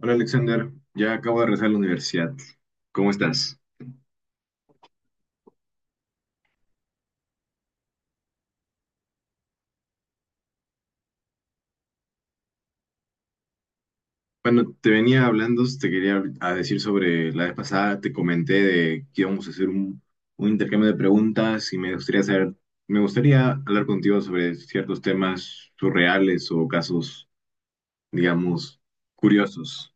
Hola Alexander, ya acabo de regresar a la universidad. ¿Cómo estás? Bueno, te venía hablando, te quería a decir sobre la vez pasada, te comenté de que íbamos a hacer un intercambio de preguntas y me gustaría saber, me gustaría hablar contigo sobre ciertos temas surreales o casos, digamos, curiosos.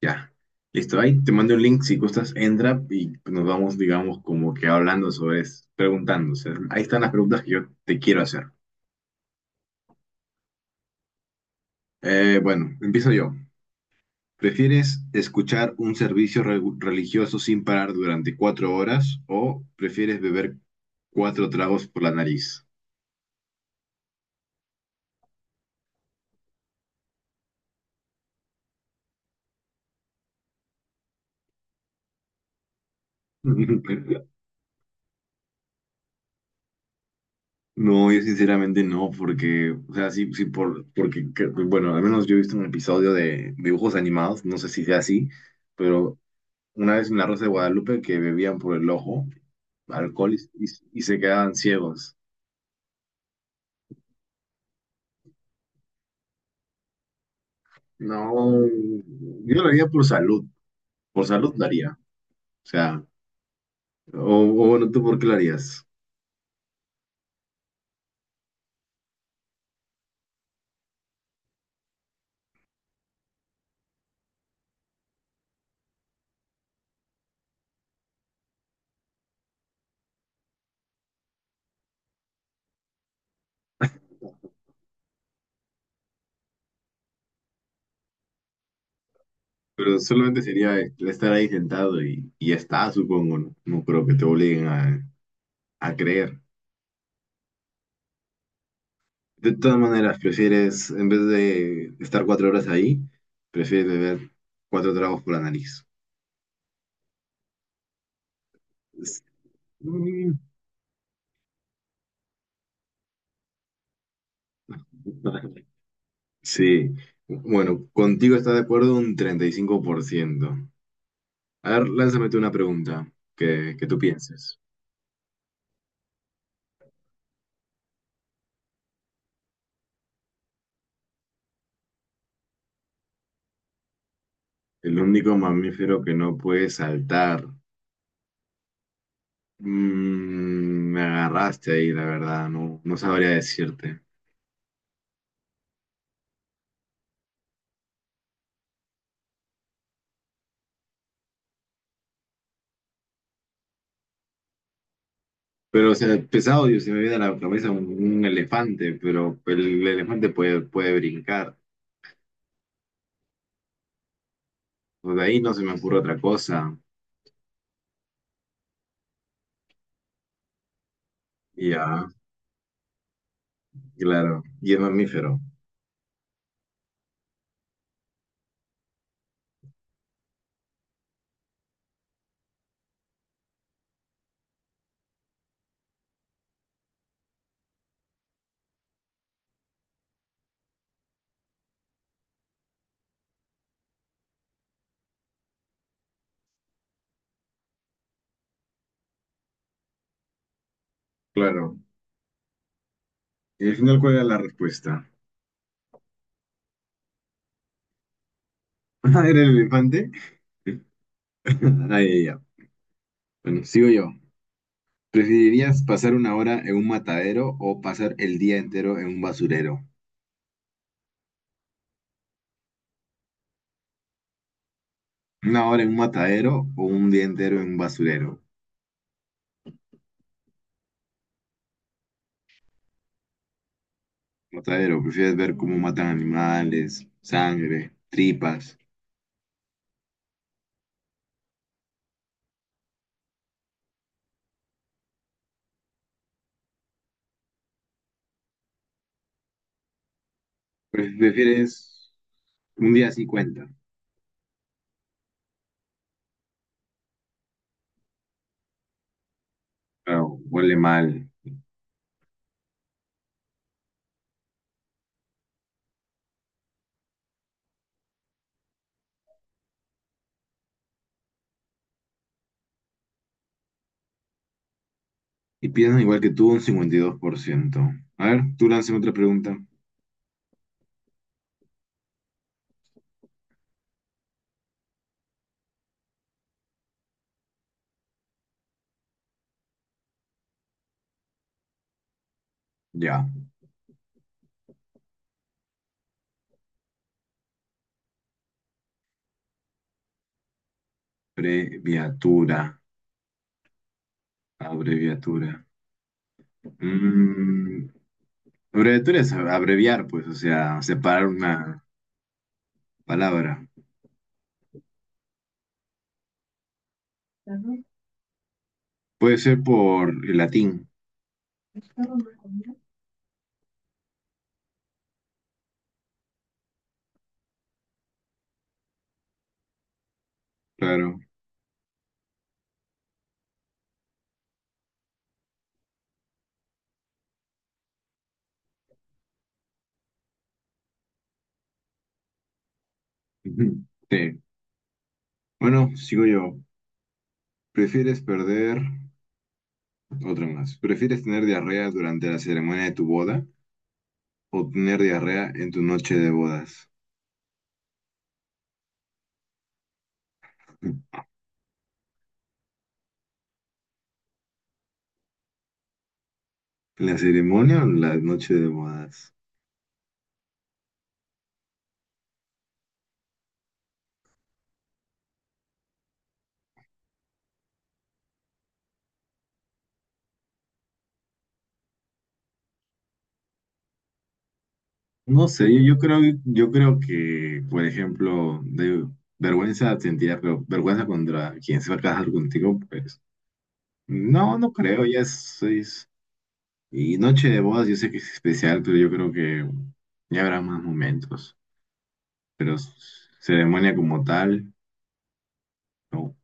Ya, listo, ahí te mando un link si gustas, entra y nos vamos, digamos, como que hablando sobre eso, preguntando. O sea, ahí están las preguntas que yo te quiero hacer. Bueno, empiezo yo. ¿Prefieres escuchar un servicio religioso sin parar durante cuatro horas o prefieres beber cuatro tragos por la nariz? No, yo sinceramente no, porque, o sea, sí, sí, bueno, al menos yo he visto un episodio de dibujos animados, no sé si sea así, pero una vez en La Rosa de Guadalupe que bebían por el ojo alcohol y- y se quedaban ciegos. No, yo lo haría por salud lo haría, o sea. O, o bueno, ¿tú por qué lo harías? Pero solamente sería estar ahí sentado y ya está, supongo, ¿no? No creo que te obliguen a creer. De todas maneras, prefieres, en vez de estar cuatro horas ahí, prefieres beber cuatro tragos por la nariz. Es- mm. Sí. Bueno, contigo está de acuerdo un 35%. A ver, lánzame tú una pregunta que tú pienses. El único mamífero que no puede saltar. Mm, me agarraste ahí, la verdad, no, no sabría decirte. Pero, o sea, pesado, Dios se me viene a la cabeza un elefante, pero el elefante puede, puede brincar. Pues de ahí no se me ocurre otra cosa. Ya, claro. Y es mamífero, claro. Y al final, ¿cuál era la respuesta? ¿Era el elefante? Ahí ya. Bueno, sigo yo. ¿Preferirías pasar una hora en un matadero o pasar el día entero en un basurero? ¿Una hora en un matadero o un día entero en un basurero? Matadero, prefieres ver cómo matan animales, sangre, tripas. Prefieres un día 50. Claro, huele mal. Y piensan igual que tú un 52%. A ver, tú lánzame otra pregunta. Ya. Abreviatura. Abreviatura. Mm, abreviatura es abreviar, pues, o sea, separar una palabra. Puede ser por el latín, claro. Sí. Bueno, sigo yo. ¿Prefieres perder? Otra más. ¿Prefieres tener diarrea durante la ceremonia de tu boda o tener diarrea en tu noche de bodas? ¿La ceremonia o la noche de bodas? No sé, yo creo que, por ejemplo, de vergüenza sentirá, pero vergüenza contra quien se va a casar contigo, pues no, no creo, y noche de bodas, yo sé que es especial, pero yo creo que ya habrá más momentos. Pero s- Ceremonia como tal, no.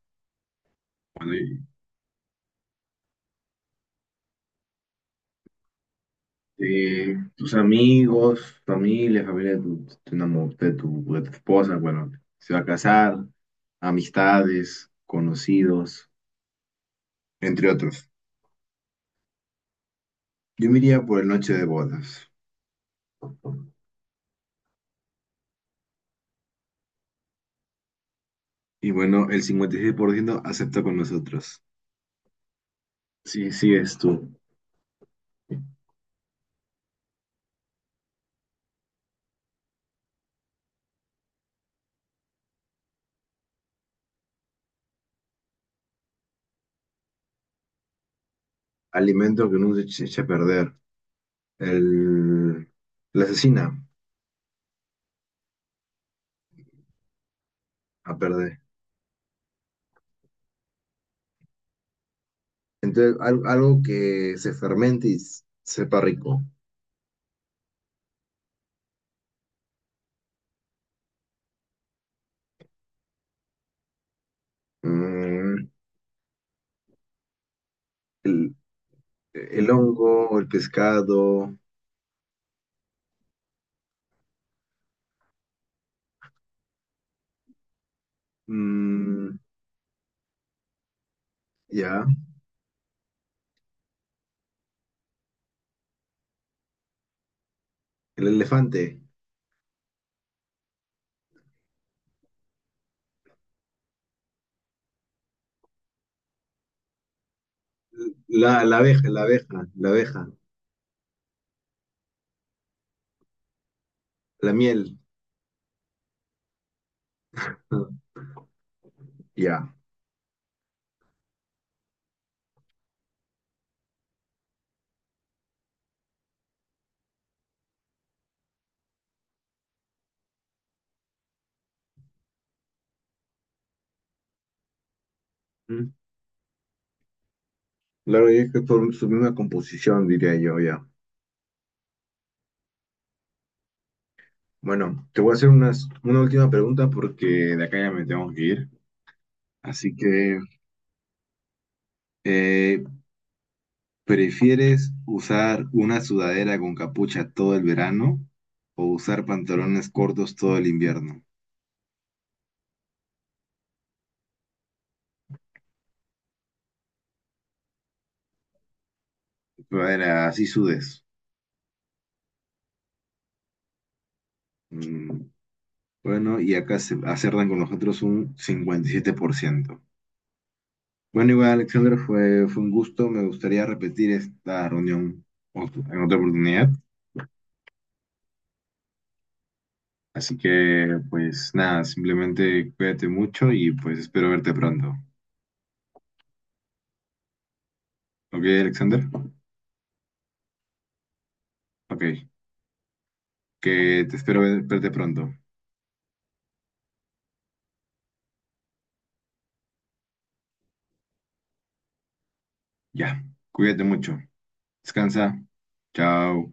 Eh, tus amigos, familia, de tu de tu esposa, bueno, se va a casar, amistades, conocidos, entre otros. Yo me iría por el noche de bodas. Y bueno, el 56% acepta con nosotros. Sí, sí, es tu alimento que no se eche a perder. El, la asesina a perder. Entonces, algo que se fermente y sepa rico. Mm, el hongo, el pescado, mm, ya, el elefante, la abeja, la abeja, la miel, ah, ya. Mm. Claro, y es que por su misma composición, diría yo, ya. Bueno, te voy a hacer una última pregunta porque de acá ya me tengo que ir. Así que, eh, ¿prefieres usar una sudadera con capucha todo el verano o usar pantalones cortos todo el invierno? Sudadera, así sudes. Mm, bueno, y acá se acertan con nosotros un 57%. Bueno, igual, Alexander, fue un gusto. Me gustaría repetir esta reunión en otra oportunidad. Así que, pues nada, simplemente cuídate mucho y pues espero verte pronto. ¿Ok, Alexander? Ok, que te espero verte pronto. Ya, cuídate mucho. Descansa. Chao.